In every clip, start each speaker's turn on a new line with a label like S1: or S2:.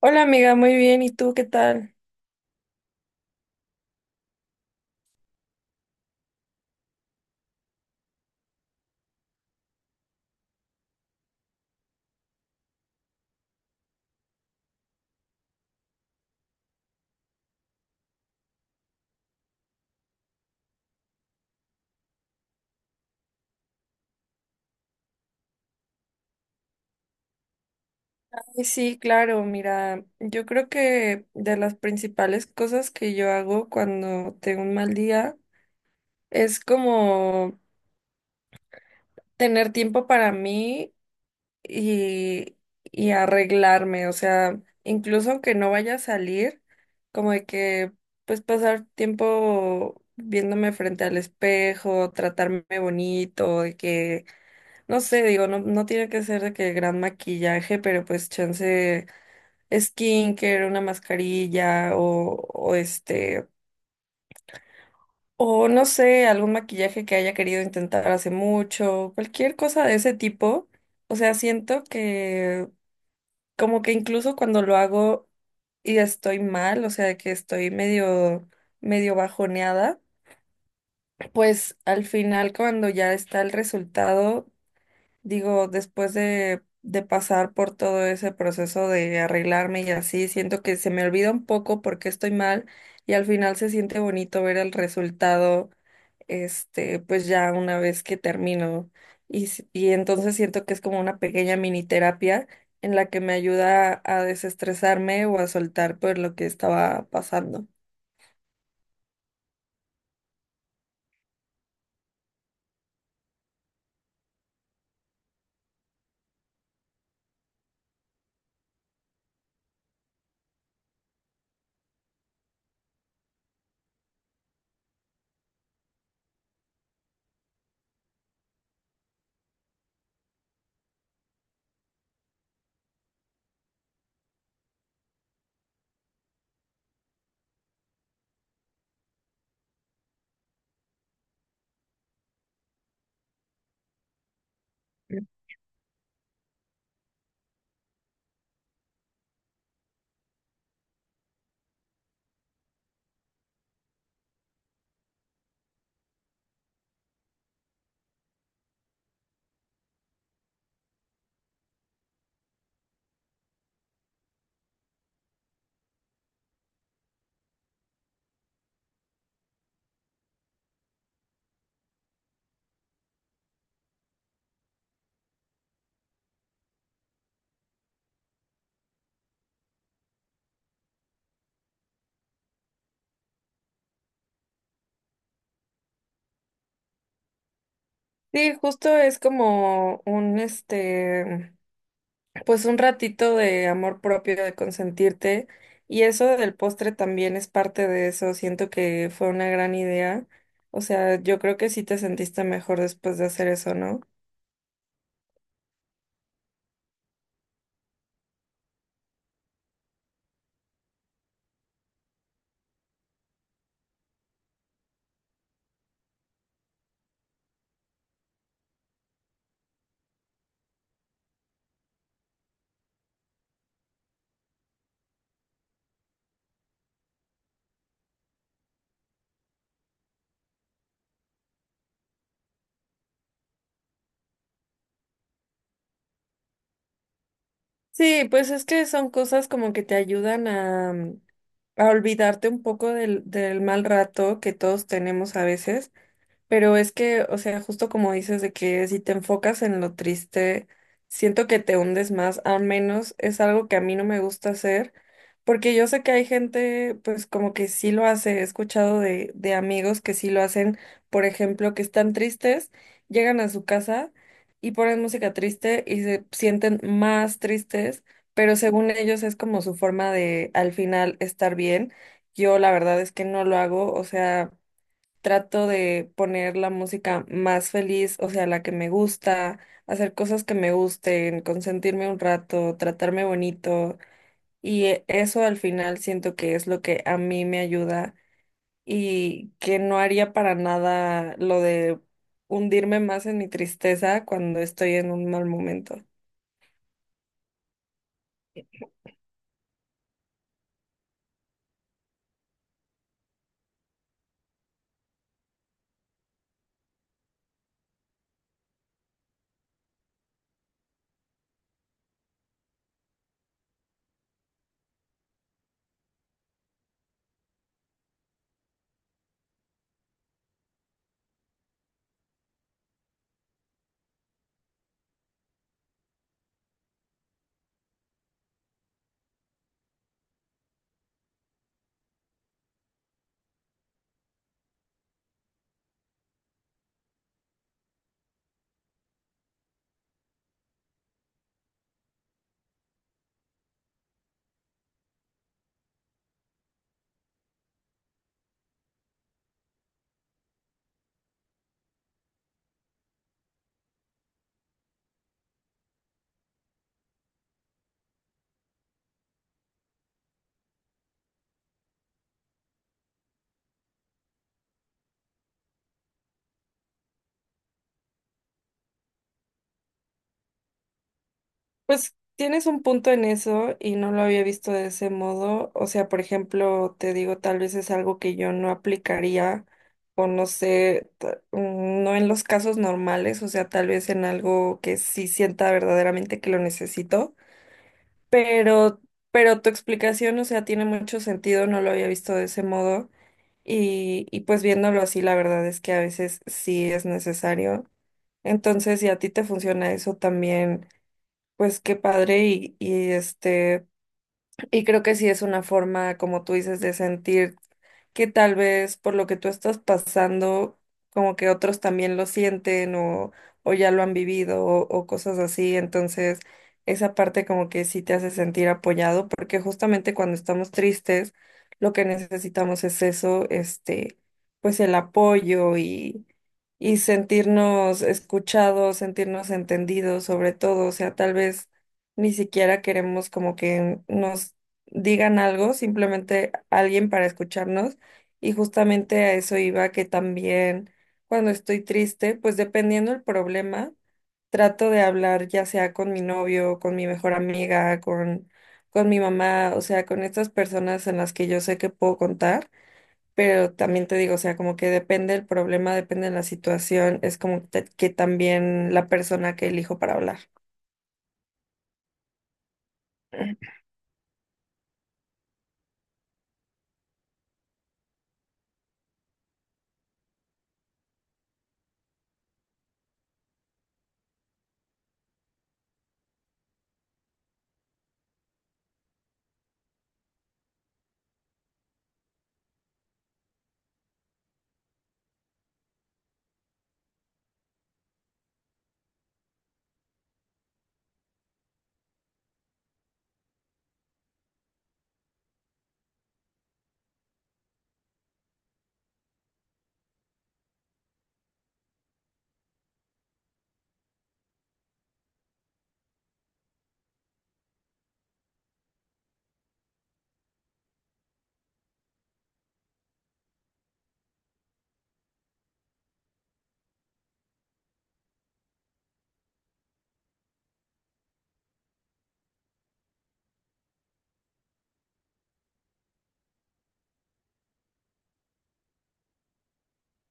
S1: Hola amiga, muy bien. ¿Y tú qué tal? Ay, sí, claro, mira, yo creo que de las principales cosas que yo hago cuando tengo un mal día es como tener tiempo para mí y, y arreglarme, o sea, incluso aunque no vaya a salir, como de que pues pasar tiempo viéndome frente al espejo, tratarme bonito, de que, no sé, digo, no tiene que ser de que gran maquillaje, pero pues chance skincare, una mascarilla o o no sé, algún maquillaje que haya querido intentar hace mucho, cualquier cosa de ese tipo. O sea, siento que como que incluso cuando lo hago y estoy mal, o sea, de que estoy medio bajoneada, pues al final cuando ya está el resultado, digo, después de pasar por todo ese proceso de arreglarme y así, siento que se me olvida un poco porque estoy mal y al final se siente bonito ver el resultado, este, pues ya una vez que termino. Y entonces siento que es como una pequeña mini terapia en la que me ayuda a desestresarme o a soltar por lo que estaba pasando. Sí, justo es como un, este, pues un ratito de amor propio, de consentirte. Y eso del postre también es parte de eso. Siento que fue una gran idea. O sea, yo creo que sí te sentiste mejor después de hacer eso, ¿no? Sí, pues es que son cosas como que te ayudan a olvidarte un poco del mal rato que todos tenemos a veces. Pero es que, o sea, justo como dices de que si te enfocas en lo triste, siento que te hundes más, al menos es algo que a mí no me gusta hacer, porque yo sé que hay gente, pues como que sí lo hace, he escuchado de amigos que sí lo hacen, por ejemplo, que están tristes, llegan a su casa y ponen música triste y se sienten más tristes, pero según ellos es como su forma de al final estar bien. Yo la verdad es que no lo hago, o sea trato de poner la música más feliz, o sea, la que me gusta, hacer cosas que me gusten, consentirme un rato, tratarme bonito. Y eso al final siento que es lo que a mí me ayuda y que no haría para nada lo de hundirme más en mi tristeza cuando estoy en un mal momento. Pues tienes un punto en eso y no lo había visto de ese modo. O sea, por ejemplo, te digo, tal vez es algo que yo no aplicaría o no sé, no en los casos normales, o sea, tal vez en algo que sí sienta verdaderamente que lo necesito, pero, pero tu explicación, o sea, tiene mucho sentido, no lo había visto de ese modo y pues viéndolo así, la verdad es que a veces sí es necesario. Entonces, si a ti te funciona eso también pues qué padre y y creo que sí es una forma, como tú dices, de sentir que tal vez por lo que tú estás pasando, como que otros también lo sienten o ya lo han vivido o cosas así. Entonces, esa parte como que sí te hace sentir apoyado, porque justamente cuando estamos tristes, lo que necesitamos es eso, este, pues el apoyo y sentirnos escuchados, sentirnos entendidos, sobre todo. O sea, tal vez ni siquiera queremos como que nos digan algo, simplemente alguien para escucharnos y justamente a eso iba que también cuando estoy triste, pues dependiendo el problema, trato de hablar ya sea con mi novio, con mi mejor amiga, con mi mamá, o sea, con estas personas en las que yo sé que puedo contar, pero también te digo, o sea, como que depende el problema, depende de la situación, es como que también la persona que elijo para hablar.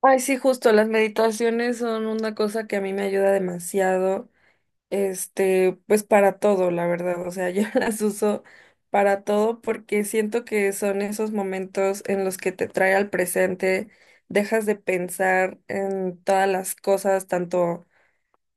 S1: Ay, sí, justo, las meditaciones son una cosa que a mí me ayuda demasiado. Este, pues para todo, la verdad. O sea, yo las uso para todo porque siento que son esos momentos en los que te trae al presente, dejas de pensar en todas las cosas, tanto,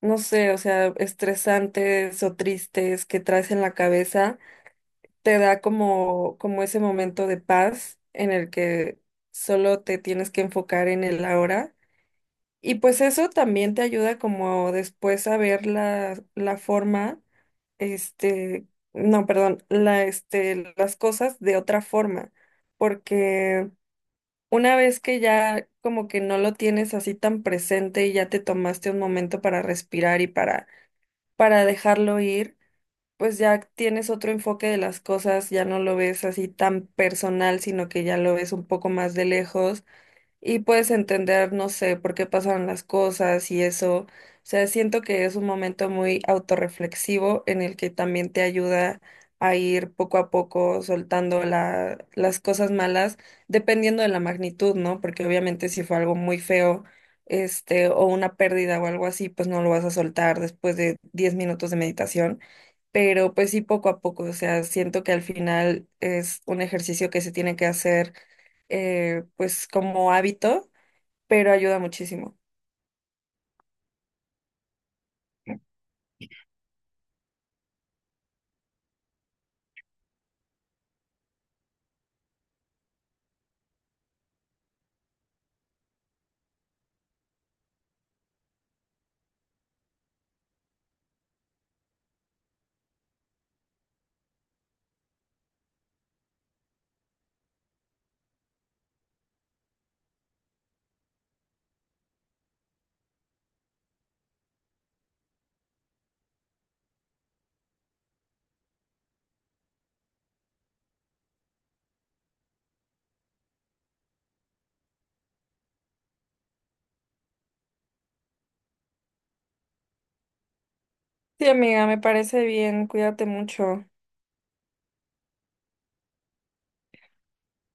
S1: no sé, o sea, estresantes o tristes que traes en la cabeza. Te da como, como ese momento de paz en el que solo te tienes que enfocar en el ahora. Y pues eso también te ayuda como después a ver la forma este, no, perdón, las cosas de otra forma, porque una vez que ya como que no lo tienes así tan presente y ya te tomaste un momento para respirar y para dejarlo ir, pues ya tienes otro enfoque de las cosas, ya no lo ves así tan personal, sino que ya lo ves un poco más de lejos y puedes entender, no sé, por qué pasaron las cosas y eso. O sea, siento que es un momento muy autorreflexivo en el que también te ayuda a ir poco a poco soltando las cosas malas, dependiendo de la magnitud, ¿no? Porque obviamente si fue algo muy feo, este, o una pérdida o algo así, pues no lo vas a soltar después de 10 minutos de meditación. Pero pues sí, poco a poco, o sea, siento que al final es un ejercicio que se tiene que hacer pues como hábito, pero ayuda muchísimo. Sí, amiga, me parece bien, cuídate mucho.